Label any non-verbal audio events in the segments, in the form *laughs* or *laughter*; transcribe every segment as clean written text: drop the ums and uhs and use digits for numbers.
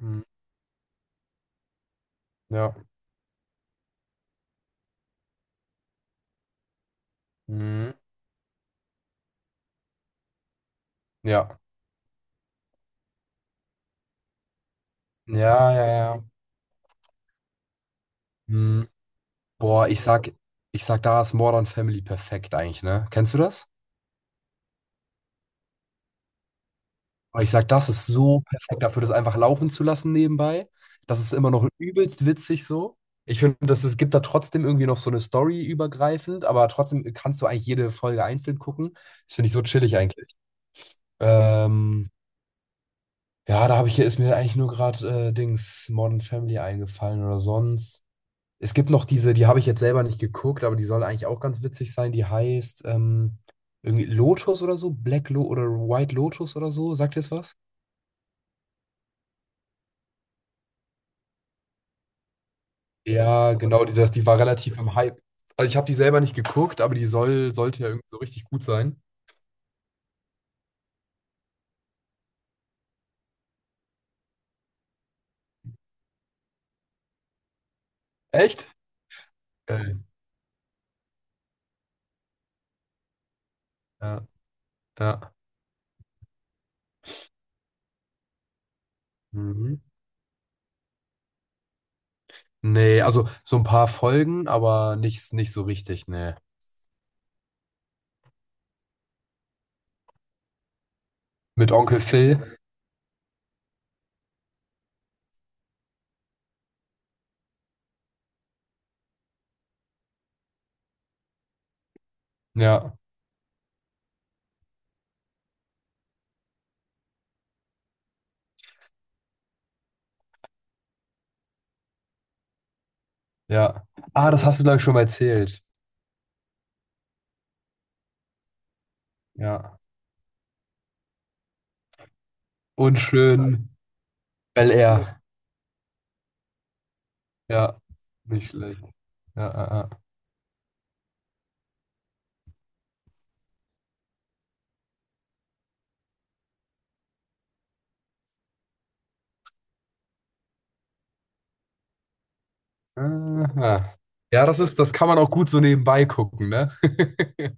Mhm. Ja. Mhm. Ja. Ja, ja, ja. Mhm. Boah, ich sag, da ist Modern Family perfekt eigentlich, ne? Kennst du das? Aber ich sag, das ist so perfekt dafür, das einfach laufen zu lassen nebenbei. Das ist immer noch übelst witzig so. Ich finde, dass es gibt da trotzdem irgendwie noch so eine Story übergreifend, aber trotzdem kannst du eigentlich jede Folge einzeln gucken. Das finde ich so chillig eigentlich. Ähm, ja, da habe ich hier ist mir eigentlich nur gerade Dings Modern Family eingefallen oder sonst. Es gibt noch diese, die habe ich jetzt selber nicht geguckt, aber die soll eigentlich auch ganz witzig sein. Die heißt irgendwie Lotus oder so, Black Lo oder White Lotus oder so. Sagt ihr das was? Ja, genau, die, das, die war relativ im Hype. Also ich habe die selber nicht geguckt, aber die sollte ja irgendwie so richtig gut sein. Echt? Geil. Ja, ja. Mhm. Nee, also so ein paar Folgen, aber nicht so richtig, nee. Mit Onkel Phil. Ja, ja. Ah, das hast du, glaube ich, schon mal erzählt. Ja. Und schön Bel Air. Ja, nicht schlecht. Ja, ja, ja. Aha. Ja, das ist, das kann man auch gut so nebenbei gucken, ne? *laughs*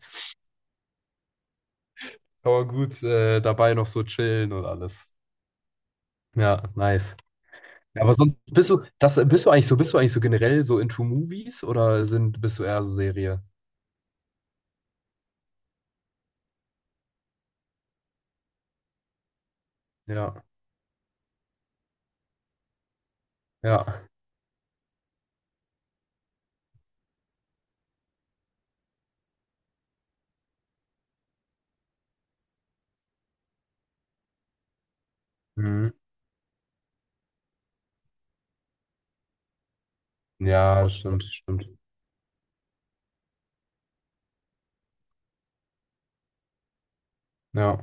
Kann man gut dabei noch so chillen und alles. Ja, nice. Ja, aber sonst bist du, das bist du eigentlich so, bist du eigentlich so generell so into Movies oder sind, bist du eher so Serie? Ja, ja. Mhm. Ja, stimmt, stimmt. Ja.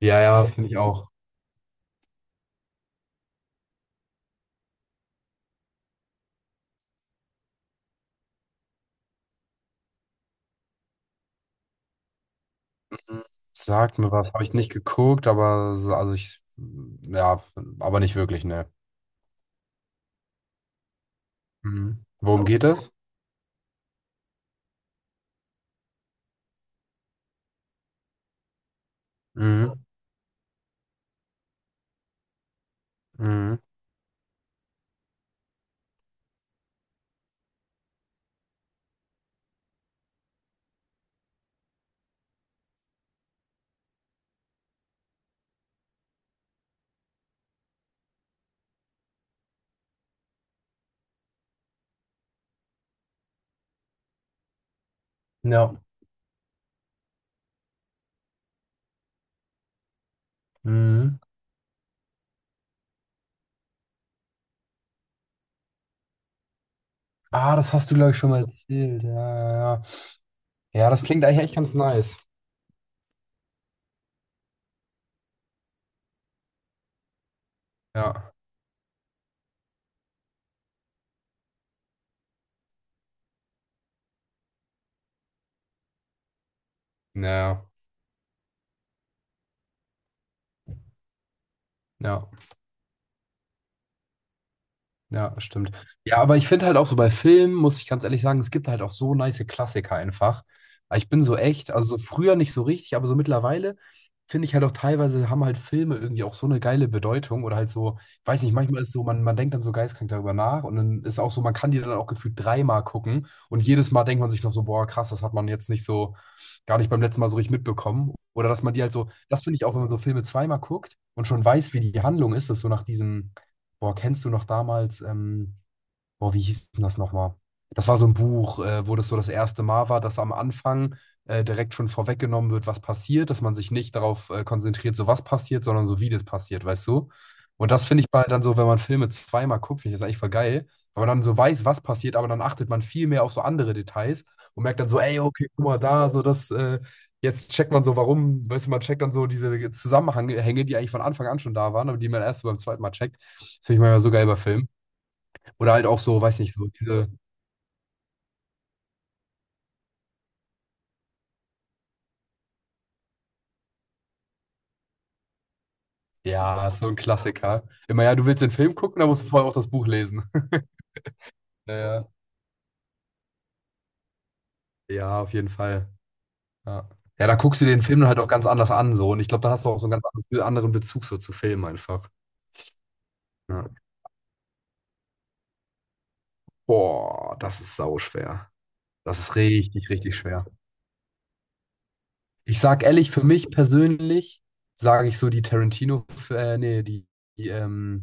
Ja, ja, das finde ich auch. Sagt mir was, habe ich nicht geguckt, aber so- also ich, ja, aber nicht wirklich, ne? Mhm. Worum geht es? Mhm. Mhm. Ja. Mhm. Ah, das hast du, glaube ich, schon mal erzählt. Ja, ja, ja. Ja, das klingt eigentlich echt ganz nice. Ja. Naja. Ja. Ja. Ja, stimmt. Ja, aber ich finde halt auch so bei Filmen, muss ich ganz ehrlich sagen, es gibt halt auch so nice Klassiker einfach. Aber ich bin so echt, also so früher nicht so richtig, aber so mittlerweile finde ich halt auch teilweise haben halt Filme irgendwie auch so eine geile Bedeutung oder halt so, ich weiß nicht, manchmal ist so, man denkt dann so geistkrank darüber nach und dann ist auch so, man kann die dann auch gefühlt dreimal gucken und jedes Mal denkt man sich noch so, boah, krass, das hat man jetzt nicht so, gar nicht beim letzten Mal so richtig mitbekommen. Oder dass man die halt so, das finde ich auch, wenn man so Filme zweimal guckt und schon weiß, wie die Handlung ist, dass so nach diesem. Boah, kennst du noch damals boah, wie hieß denn das nochmal? Das war so ein Buch, wo das so das erste Mal war, dass am Anfang direkt schon vorweggenommen wird, was passiert, dass man sich nicht darauf konzentriert, so was passiert, sondern so wie das passiert, weißt du? Und das finde ich bei dann so, wenn man Filme zweimal guckt, finde ich das eigentlich voll geil, weil man dann so weiß, was passiert, aber dann achtet man viel mehr auf so andere Details und merkt dann so, ey, okay, guck mal da, so das, jetzt checkt man so, warum, weißt du, man checkt dann so diese Zusammenhänge, die eigentlich von Anfang an schon da waren, aber die man erst so beim zweiten Mal checkt. Finde ich manchmal so geil bei Filmen. Oder halt auch so, weiß nicht, so diese, ja, so ein Klassiker. Immer, ja, du willst den Film gucken, da musst du vorher auch das Buch lesen. *laughs* Ja, ja. Ja, auf jeden Fall. Ja. Ja, da guckst du den Film dann halt auch ganz anders an, so. Und ich glaube, dann hast du auch so einen anderen Bezug so zu Filmen einfach. Ja. Boah, das ist sauschwer. Das ist richtig, richtig schwer. Ich sag ehrlich, für mich persönlich sage ich so die Tarantino, nee, die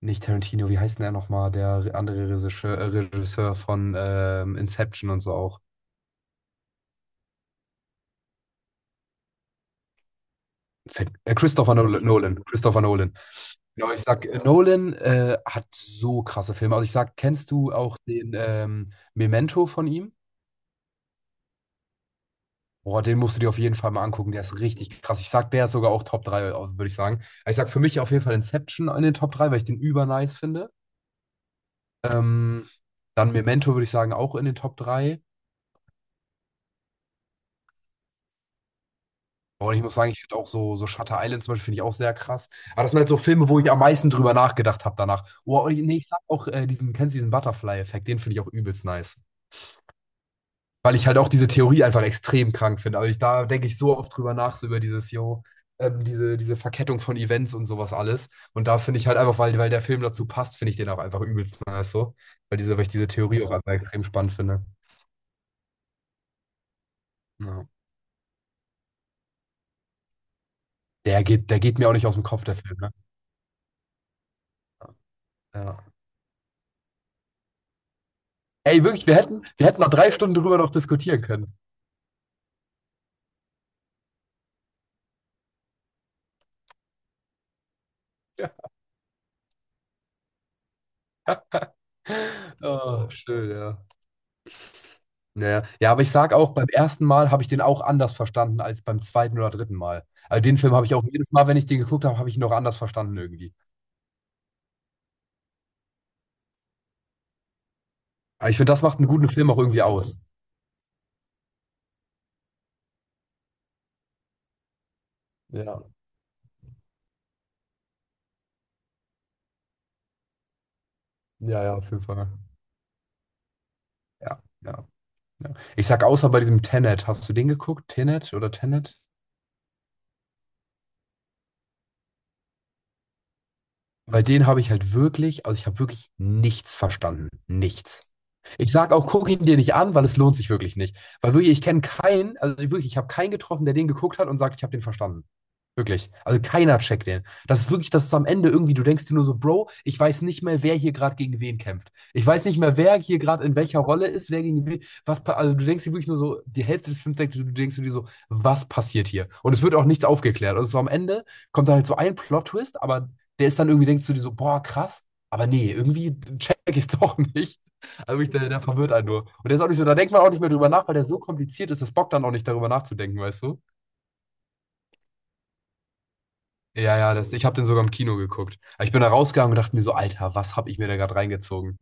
nicht Tarantino, wie heißt denn er nochmal? Der andere Regisseur, Regisseur von Inception und so auch. Nolan. Christopher Nolan. Genau, ich sag, Nolan hat so krasse Filme. Also ich sag, kennst du auch den Memento von ihm? Boah, den musst du dir auf jeden Fall mal angucken. Der ist richtig krass. Ich sag, der ist sogar auch Top 3, würde ich sagen. Ich sag für mich auf jeden Fall Inception in den Top 3, weil ich den über nice finde. Ähm, dann Memento würde ich sagen auch in den Top 3. Und ich muss sagen, ich finde auch so, so Shutter Island zum Beispiel finde ich auch sehr krass. Aber das sind halt so Filme, wo ich am meisten drüber nachgedacht habe danach. Oh, nee, ich sag auch diesen, kennst du diesen Butterfly-Effekt? Den finde ich auch übelst nice. Weil ich halt auch diese Theorie einfach extrem krank finde. Also ich, da denke ich so oft drüber nach, so über dieses, yo, diese Verkettung von Events und sowas alles. Und da finde ich halt einfach, weil der Film dazu passt, finde ich den auch einfach übelst nice so. Weil ich diese Theorie auch einfach extrem spannend finde. Ja. Der geht mir auch nicht aus dem Kopf, der Film, ne? Ja. Ey, wirklich, wir hätten noch 3 Stunden drüber noch diskutieren können. Ja. *laughs* Oh, schön, ja. Naja. Ja, ja, aber ich sag auch, beim ersten Mal habe ich den auch anders verstanden als beim zweiten oder dritten Mal. Also den Film habe ich auch jedes Mal, wenn ich den geguckt habe, habe ich ihn noch anders verstanden irgendwie. Aber ich finde, das macht einen guten Film auch irgendwie aus. Ja, ja, ja, auf jeden Fall. Ja, ja, ja. Ich sag, außer bei diesem Tenet, hast du den geguckt? Tenet oder Tenet? Bei denen habe ich halt wirklich, also ich habe wirklich nichts verstanden. Nichts. Ich sag auch, guck ihn dir nicht an, weil es lohnt sich wirklich nicht. Weil wirklich, ich kenne keinen, also wirklich, ich habe keinen getroffen, der den geguckt hat und sagt, ich habe den verstanden. Wirklich. Also keiner checkt den. Das ist wirklich, das ist am Ende irgendwie, du denkst dir nur so, Bro, ich weiß nicht mehr, wer hier gerade gegen wen kämpft. Ich weiß nicht mehr, wer hier gerade in welcher Rolle ist, wer gegen wen. Also du denkst dir wirklich nur so, die Hälfte des Films denkst du, du denkst dir so, was passiert hier? Und es wird auch nichts aufgeklärt. Also so am Ende kommt dann halt so ein Plot-Twist, aber der ist dann irgendwie, denkst du dir so, boah, krass, aber nee, irgendwie check ich es *laughs* doch nicht. Also ich, der verwirrt einen nur. Und der ist auch nicht so, da denkt man auch nicht mehr drüber nach, weil der so kompliziert ist, das bockt dann auch nicht darüber nachzudenken, weißt du? Ja, ja, das, ich habe den sogar im Kino geguckt. Aber ich bin da rausgegangen und dachte mir so, Alter, was habe ich mir da gerade reingezogen?